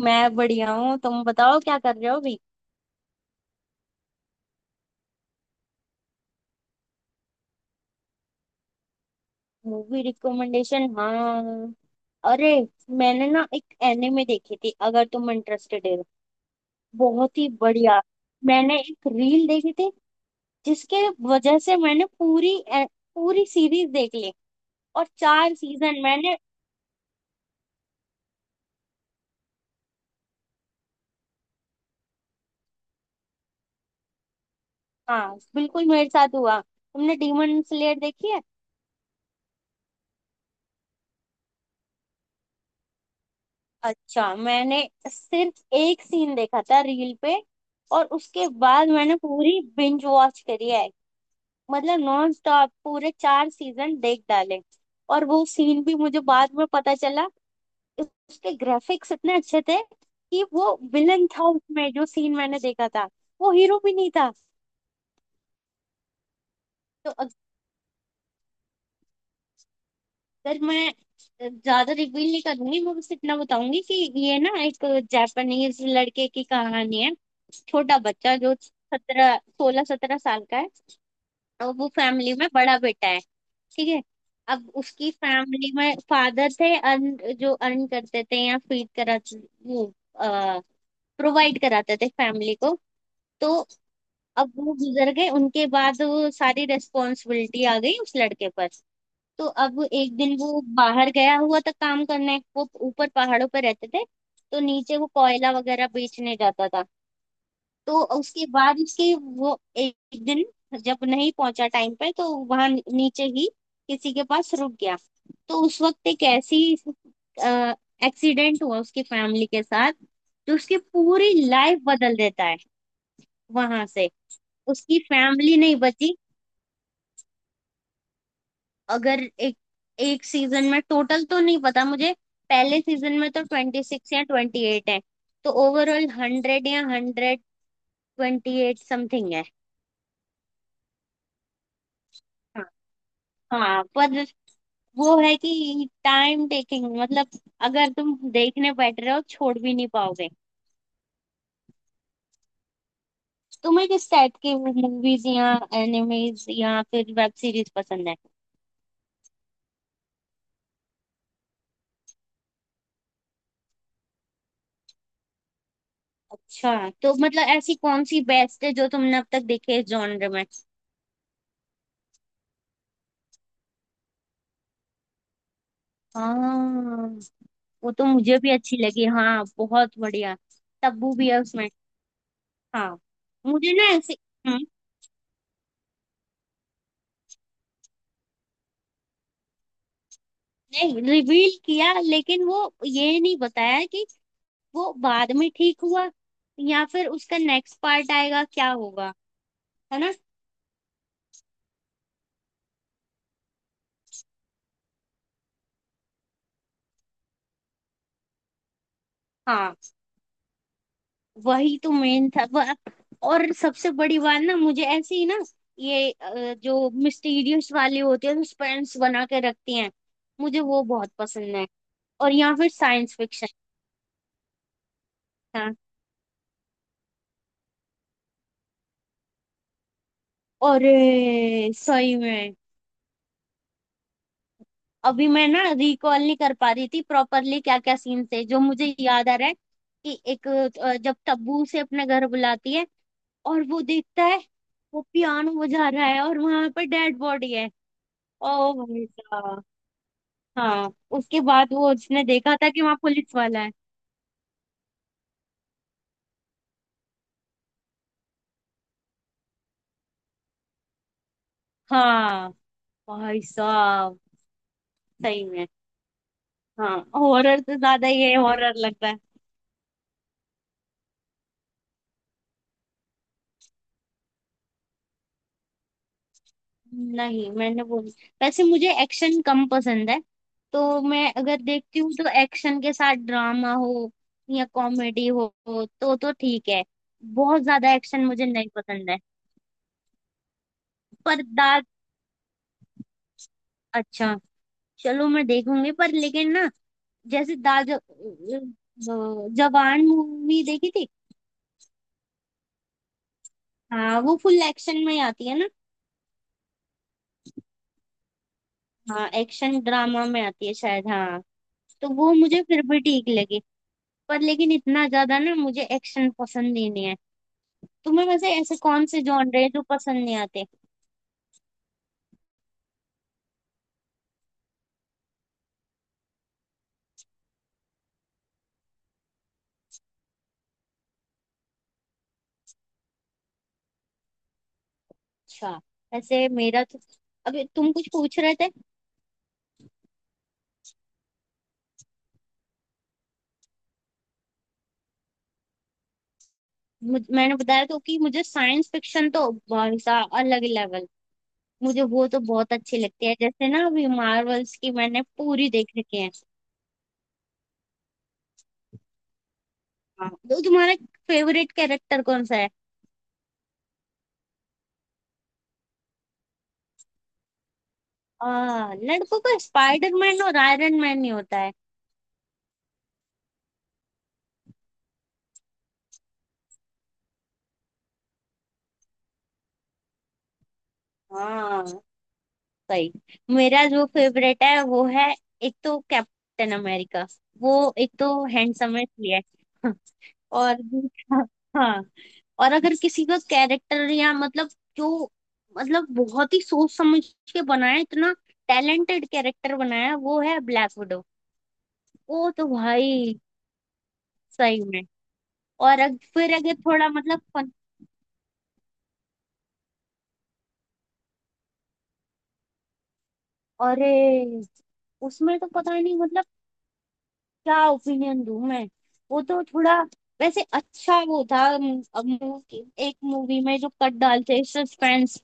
मैं बढ़िया हूँ। तुम बताओ क्या कर रहे हो अभी? Movie recommendation? हाँ। अरे। मैंने ना एक एनिमे देखी थी अगर तुम इंटरेस्टेड हो। बहुत ही बढ़िया। मैंने एक रील देखी थी जिसके वजह से मैंने पूरी पूरी सीरीज देख ली। और चार सीजन मैंने। हाँ बिल्कुल, मेरे साथ हुआ। तुमने डीमन स्लेयर देखी है? अच्छा। मैंने सिर्फ एक सीन देखा था रील पे, और उसके बाद मैंने पूरी बिंज वॉच करी है। मतलब नॉन स्टॉप पूरे चार सीजन देख डाले। और वो सीन भी मुझे बाद में पता चला। उसके ग्राफिक्स इतने अच्छे थे कि वो विलन था उसमें, जो सीन मैंने देखा था, वो हीरो भी नहीं था। तो अगर मैं ज्यादा रिवील नहीं करूंगी। मैं बस इतना बताऊंगी कि ये ना एक जापानीज लड़के की कहानी है। छोटा बच्चा जो 17 16 17 साल का है, और वो फैमिली में बड़ा बेटा है। ठीक है। अब उसकी फैमिली में फादर थे, अर्न जो अर्न करते थे या फीड करा, वो प्रोवाइड कराते थे फैमिली को। तो अब वो गुजर गए, उनके बाद वो सारी रेस्पॉन्सिबिलिटी आ गई उस लड़के पर। तो अब एक दिन वो बाहर गया हुआ था काम करने। वो ऊपर पहाड़ों पर रहते थे, तो नीचे वो कोयला वगैरह बेचने जाता था। तो उसके बाद उसके वो एक दिन जब नहीं पहुंचा टाइम पे, तो वहां नीचे ही किसी के पास रुक गया। तो उस वक्त एक ऐसी एक्सीडेंट हुआ उसकी फैमिली के साथ, जो उसकी पूरी लाइफ बदल देता है। वहां से उसकी फैमिली नहीं बची। अगर एक एक सीजन में टोटल तो नहीं पता मुझे। पहले सीजन में तो 26 या 28 है। तो ओवरऑल 100 या 128 समथिंग है। हाँ हाँ, पर वो है कि टाइम टेकिंग, मतलब अगर तुम देखने बैठ रहे हो छोड़ भी नहीं पाओगे। तुम्हें किस टाइप की मूवीज या एनिमेज या फिर वेब सीरीज पसंद है? अच्छा। तो मतलब ऐसी कौन सी बेस्ट है जो तुमने अब तक देखी है जॉनर में? हाँ, वो तो मुझे भी अच्छी लगी, हाँ, बहुत बढ़िया। तब्बू भी है उसमें। हाँ। मुझे ना ऐसी हम्म, नहीं रिवील किया, लेकिन वो ये नहीं बताया कि वो बाद में ठीक हुआ या फिर उसका नेक्स्ट पार्ट आएगा, क्या होगा, है ना। हाँ, वही तो मेन था और सबसे बड़ी बात ना, मुझे ऐसे ही ना ये जो मिस्टीरियस वाले होते हैं, सस्पेंस बना के रखती हैं, मुझे वो बहुत पसंद है। और या फिर साइंस फिक्शन। हाँ और सही में। अभी मैं ना रिकॉल नहीं कर पा रही थी प्रॉपरली क्या क्या सीन थे। जो मुझे याद आ रहा है कि एक जब तब्बू से अपने घर बुलाती है और वो देखता है, वो पियानो बजा रहा है और वहां पर डेड बॉडी है। ओ भाई साहब। हाँ। उसके बाद वो उसने देखा था कि वहां पुलिस वाला है। हाँ, भाई साहब, सही में। हाँ, हॉरर से ज्यादा ये हॉरर लगता है। नहीं, मैंने वो वैसे मुझे एक्शन कम पसंद है। तो मैं अगर देखती हूँ तो एक्शन के साथ ड्रामा हो या कॉमेडी हो, तो ठीक है। बहुत ज्यादा एक्शन मुझे नहीं पसंद है। पर दांत। अच्छा, चलो मैं देखूंगी पर। लेकिन ना, जैसे दाज जवान मूवी देखी थी। हाँ, वो फुल एक्शन में ही आती है ना। हाँ, एक्शन ड्रामा में आती है शायद। हाँ, तो वो मुझे फिर भी ठीक लगी। पर लेकिन इतना ज्यादा ना, मुझे एक्शन पसंद ही नहीं है। तुम्हें वैसे ऐसे कौन से जॉनर है जो पसंद नहीं आते? अच्छा। ऐसे मेरा तो अभी तुम कुछ पूछ रहे थे। मैंने बताया तो कि मुझे साइंस फिक्शन तो भाई साहब अलग ही लेवल। मुझे वो तो बहुत अच्छे लगते हैं, जैसे ना अभी मार्वल्स की मैंने पूरी देख रखी है। हाँ, तो तुम्हारा फेवरेट कैरेक्टर कौन सा है? लड़कों का स्पाइडरमैन और आयरन मैन ही होता है। हाँ, सही। मेरा जो फेवरेट है वो है एक तो कैप्टन अमेरिका। वो एक तो हैंडसम है इसलिए और हाँ, और अगर किसी का कैरेक्टर या मतलब, जो मतलब बहुत ही सोच समझ के बनाया, इतना टैलेंटेड कैरेक्टर बनाया, वो है ब्लैक। ओ तो भाई, सही में। और फिर अगर थोड़ा मतलब फन, अरे उसमें तो पता ही नहीं मतलब क्या ओपिनियन दूं मैं। वो तो थोड़ा, वैसे अच्छा वो था मूवी, एक मूवी में जो कट डालते सस्पेंस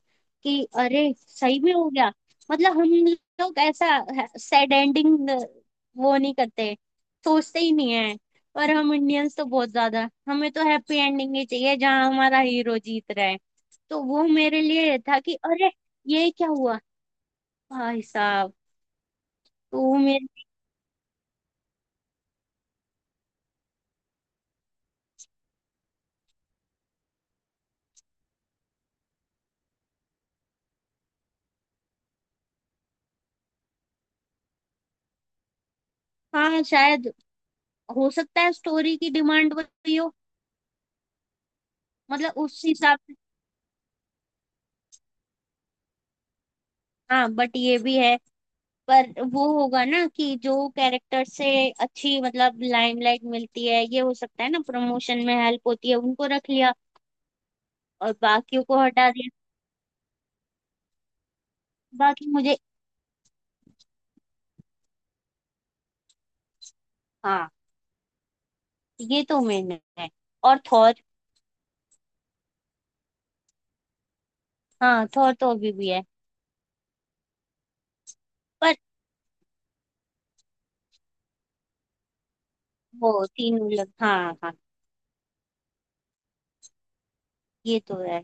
कि अरे सही भी हो गया। मतलब हम लोग ऐसा सैड एंडिंग वो नहीं करते, सोचते ही नहीं है। पर हम इंडियंस तो बहुत ज्यादा, हमें तो हैप्पी एंडिंग ही चाहिए जहाँ हमारा हीरो जीत रहा है। तो वो मेरे लिए था कि अरे ये क्या हुआ, भाई साहब। तो वो मेरे हाँ शायद, हो सकता है स्टोरी की डिमांड वही हो। मतलब उस हिसाब से हाँ, बट ये भी है। पर वो होगा ना कि जो कैरेक्टर से अच्छी मतलब लाइमलाइट मिलती है, ये हो सकता है ना, प्रमोशन में हेल्प होती है, उनको रख लिया और बाकियों को हटा दिया। बाकी मुझे हाँ, ये तो मेन है। और थॉर। हाँ, थॉर तो अभी भी है। पर वो तीनों लग, हाँ हाँ, ये तो है।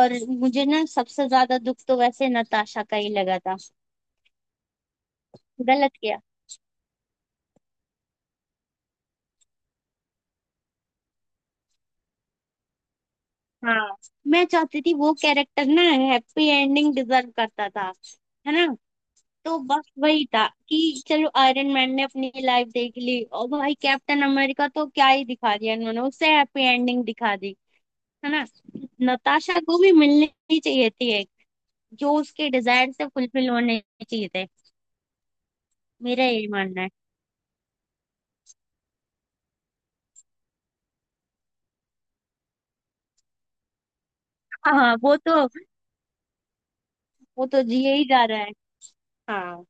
और मुझे ना सबसे ज्यादा दुख तो वैसे नताशा का ही लगा था। गलत किया। हाँ, मैं चाहती थी वो कैरेक्टर ना, हैप्पी एंडिंग डिजर्व करता था, है ना। तो बस वही था कि चलो आयरन मैन ने अपनी लाइफ देख ली, और भाई कैप्टन अमेरिका तो क्या ही दिखा दिया इन्होंने, उससे हैप्पी एंडिंग दिखा दी, है ना। नताशा को भी मिलनी ही चाहिए थी एक, जो उसके डिजायर से फुलफिल होने चाहिए थे। मेरा यही मानना है। हाँ, वो तो जिए ही जा रहा है। हाँ,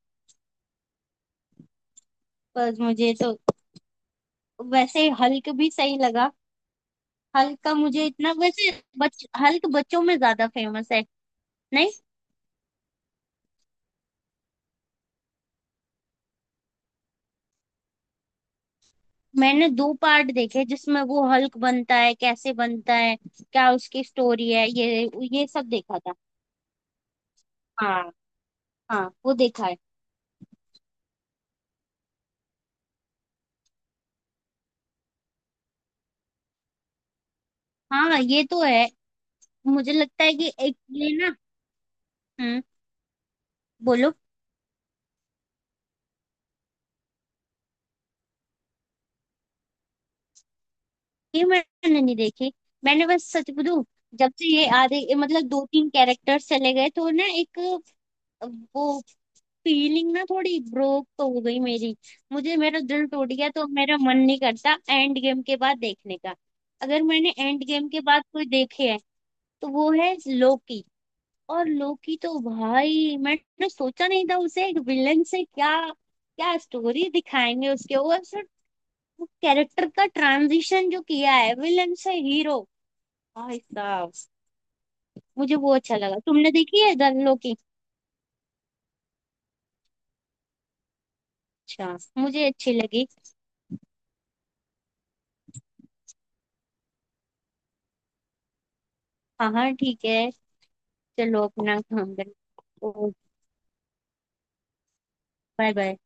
बस मुझे तो वैसे हल्क भी सही लगा। हल्क का मुझे इतना वैसे बच हल्क बच्चों में ज्यादा फेमस है, नहीं। मैंने दो पार्ट देखे जिसमें वो हल्क बनता है, कैसे बनता है, क्या उसकी स्टोरी है ये सब देखा था। हाँ हाँ, वो देखा है। हाँ ये तो है। मुझे लगता है कि एक ये ना, हम्म बोलो। ये मैंने नहीं देखी। मैंने बस सच बोलूं, जब से ये आधे मतलब दो तीन कैरेक्टर्स चले गए तो ना एक वो फीलिंग ना थोड़ी ब्रोक तो हो गई मेरी, मुझे मेरा दिल टूट गया, तो मेरा मन नहीं करता एंड गेम के बाद देखने का। अगर मैंने एंड गेम के बाद कोई देखे है तो वो है लोकी। और लोकी तो भाई मैंने सोचा नहीं था उसे एक विलन से क्या क्या स्टोरी दिखाएंगे उसके ऊपर, सर, वो कैरेक्टर का ट्रांजिशन जो किया है विलन से हीरो, भाई साहब, मुझे वो अच्छा लगा। तुमने देखी है द लोकी? अच्छा, मुझे अच्छी लगी। हाँ हाँ ठीक है। चलो अपना काम करो। Bye bye.